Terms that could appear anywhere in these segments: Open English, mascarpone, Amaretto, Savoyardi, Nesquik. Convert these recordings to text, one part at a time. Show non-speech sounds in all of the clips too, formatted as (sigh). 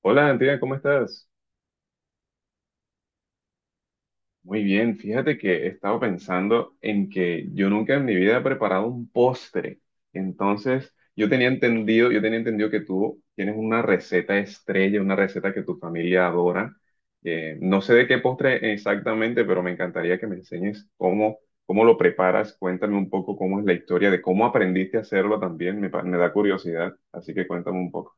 Hola, Antigua, ¿cómo estás? Muy bien, fíjate que he estado pensando en que yo nunca en mi vida he preparado un postre. Entonces, yo tenía entendido que tú tienes una receta estrella, una receta que tu familia adora. No sé de qué postre exactamente, pero me encantaría que me enseñes cómo lo preparas. Cuéntame un poco cómo es la historia de cómo aprendiste a hacerlo también. Me da curiosidad, así que cuéntame un poco.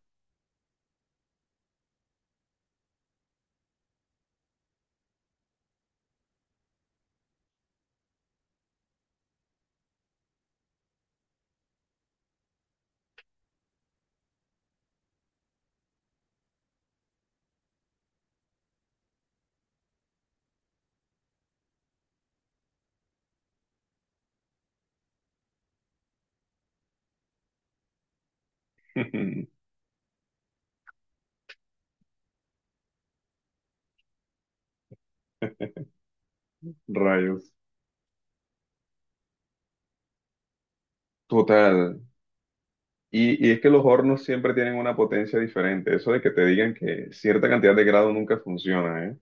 (laughs) Rayos. Total. Y es que los hornos siempre tienen una potencia diferente. Eso de que te digan que cierta cantidad de grado nunca funciona, ¿eh?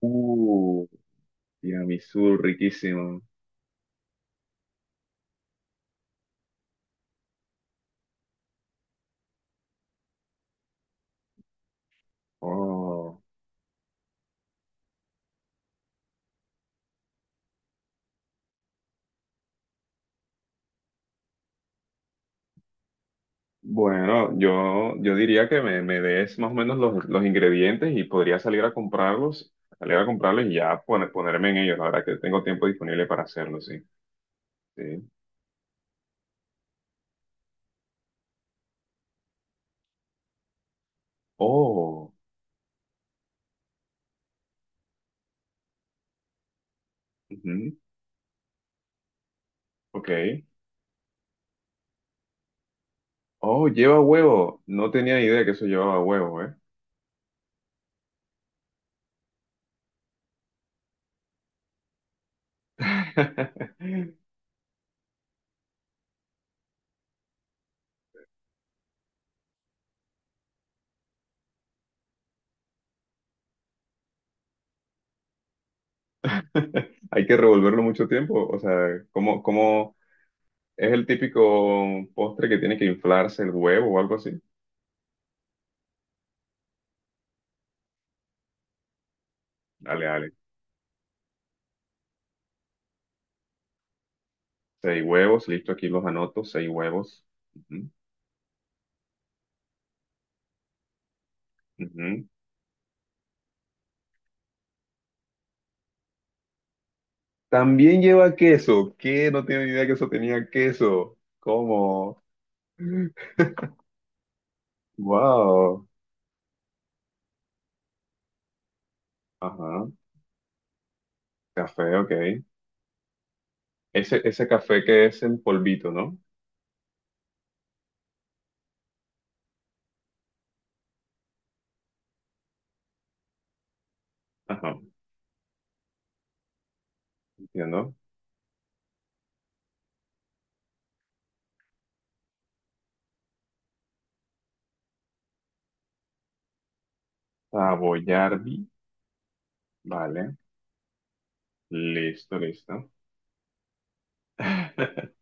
Uh, tiramisú, riquísimo. Oh. Bueno, yo diría que me des más o menos los ingredientes y podría salir a comprarlos y ya ponerme en ellos. La verdad que tengo tiempo disponible para hacerlo, sí. Sí. Oh, ujú, ok. Oh, lleva huevo. No tenía idea que eso llevaba huevo, ¿eh? (laughs) Hay que revolverlo mucho tiempo. O sea, ¿cómo es el típico postre que tiene que inflarse el huevo o algo así? Dale, dale. Seis huevos, listo, aquí los anoto, seis huevos. Ujú, ujú. También lleva queso. ¿Qué? No tenía ni idea que eso tenía queso. ¿Cómo? Wow. Ajá. Café, ok. Ese café que es en polvito, ¿no? Ajá, entiendo. Savoyardi. Vale. Listo, listo. (laughs)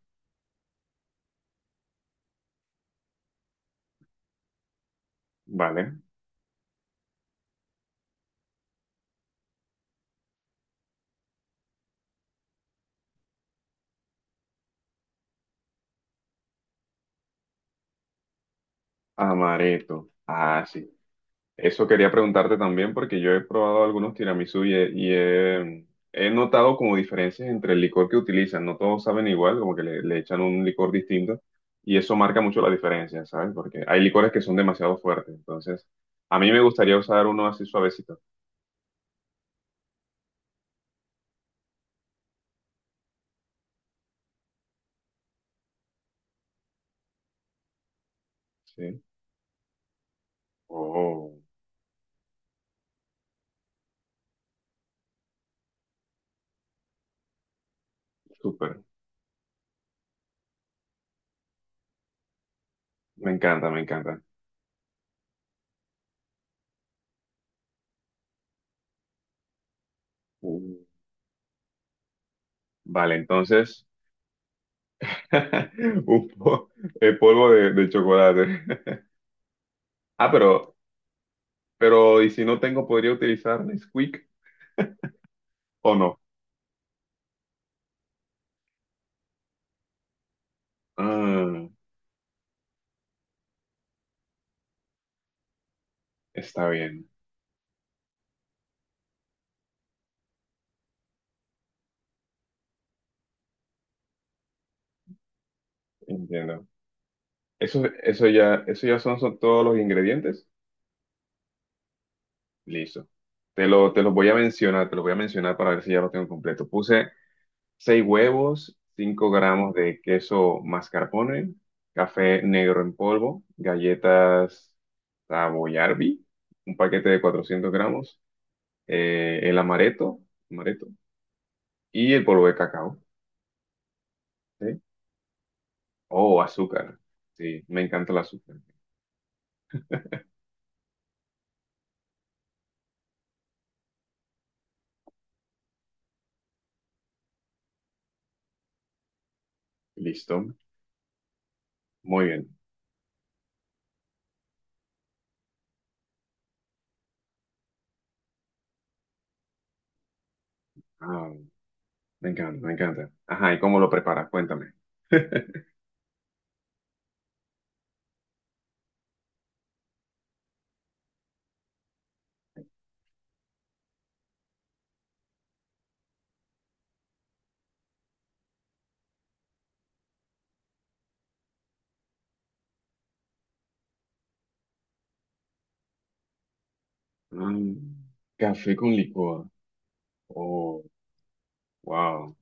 Vale. Amaretto. Ah, sí. Eso quería preguntarte también porque yo he probado algunos tiramisú he notado como diferencias entre el licor que utilizan. No todos saben igual, como que le echan un licor distinto y eso marca mucho la diferencia, ¿sabes? Porque hay licores que son demasiado fuertes. Entonces, a mí me gustaría usar uno así suavecito. Sí. Oh, súper. Me encanta, me encanta. Uh, Vale, entonces, (laughs) un po- el polvo de chocolate. (laughs) Ah, pero Pero, ¿y si no tengo, podría utilizar Nesquik o no? Ah, está bien, entiendo. Eso ya son, son todos los ingredientes. Listo. Te los voy a mencionar, te los voy a mencionar para ver si ya lo tengo completo. Puse seis huevos, 5 gramos de queso mascarpone, café negro en polvo, galletas Savoyardi, un paquete de 400 gramos, el amaretto, amaretto y el polvo de cacao. ¿Sí? Oh, azúcar. Sí, me encanta el azúcar. Listo. Muy bien. Ah, me encanta, me encanta. Ajá, ¿y cómo lo preparas? Cuéntame. (laughs) Mm, café con licuado. Oh, wow.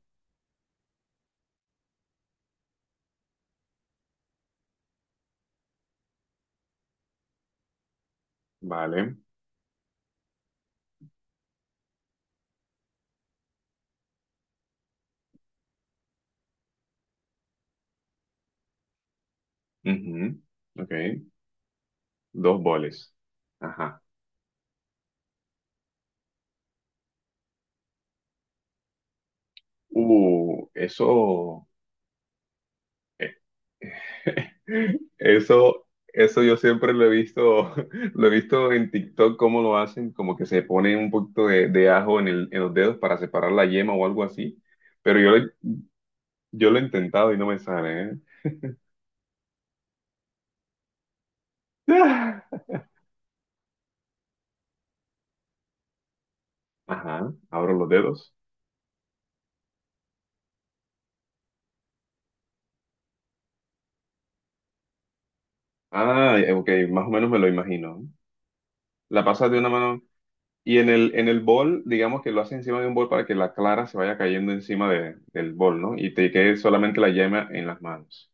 Vale. Ujú. Ok. Dos boles. Ajá. Eso. Eso, eso yo siempre lo he visto, (laughs) lo he visto en TikTok cómo lo hacen, como que se ponen un poquito de ajo en en los dedos para separar la yema o algo así, pero yo lo he intentado y no me sale, ¿eh? (laughs) (sighs) Ajá, abro los dedos. Ah, ok, más o menos me lo imagino. La pasas de una mano y en en el bol, digamos que lo haces encima de un bol para que la clara se vaya cayendo encima del bol, ¿no? Y te quede solamente la yema en las manos.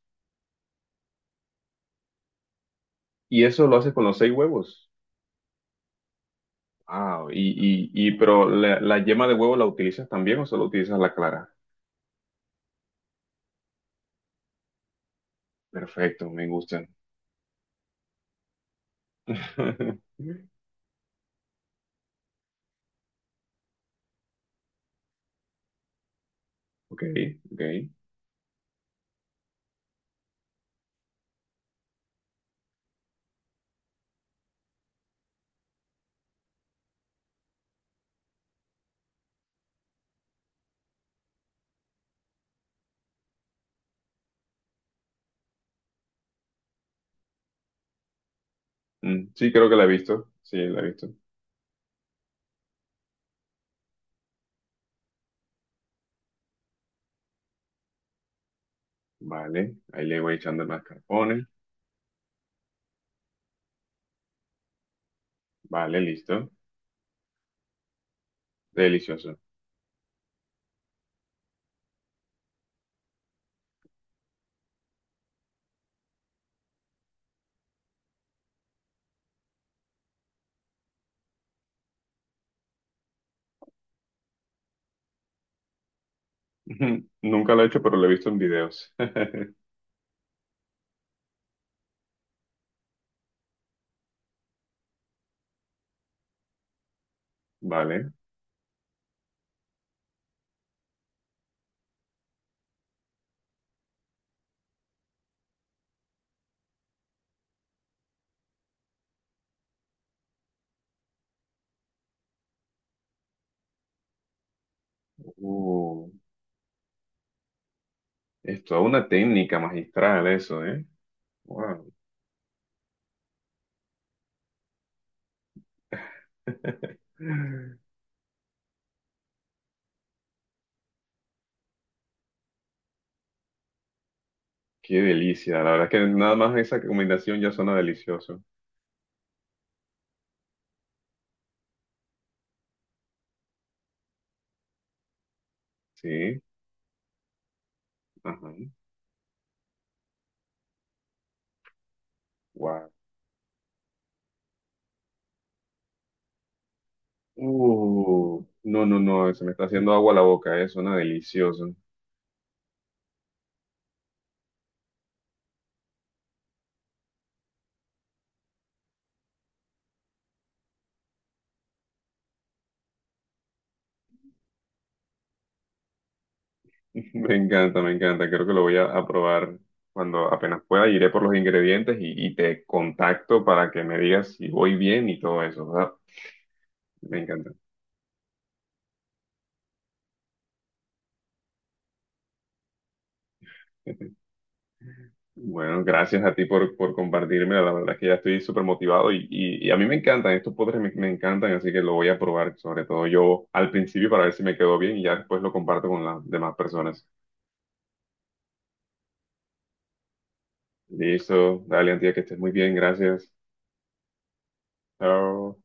Y eso lo haces con los seis huevos. Ah, pero la yema de huevo la utilizas también o solo utilizas la clara? Perfecto, me gustan. (laughs) Ok, ok. Mm, sí, creo que la he visto. Sí, la he visto. Vale, ahí le voy echando mascarpone. Vale, listo. Delicioso. (laughs) Nunca lo he hecho, pero lo he visto en videos. (laughs) Vale. Uh, es toda una técnica magistral eso, ¿eh? Wow. Qué delicia. La verdad es que nada más esa combinación ya suena delicioso. Sí. Ajá. No, no, no, se me está haciendo agua la boca, suena delicioso. (laughs) Me encanta, creo que a probar cuando apenas pueda, iré por los ingredientes y te contacto para que me digas si voy bien y todo eso, ¿verdad? Me encanta. (laughs) Bueno, gracias a ti por compartirme, la verdad es que ya estoy súper motivado y a mí me encantan, estos postres me encantan, así que lo voy a probar, sobre todo yo al principio para ver si me quedó bien y ya después lo comparto con las demás personas. Listo, dale, Antía, que estés muy bien, gracias. Chao.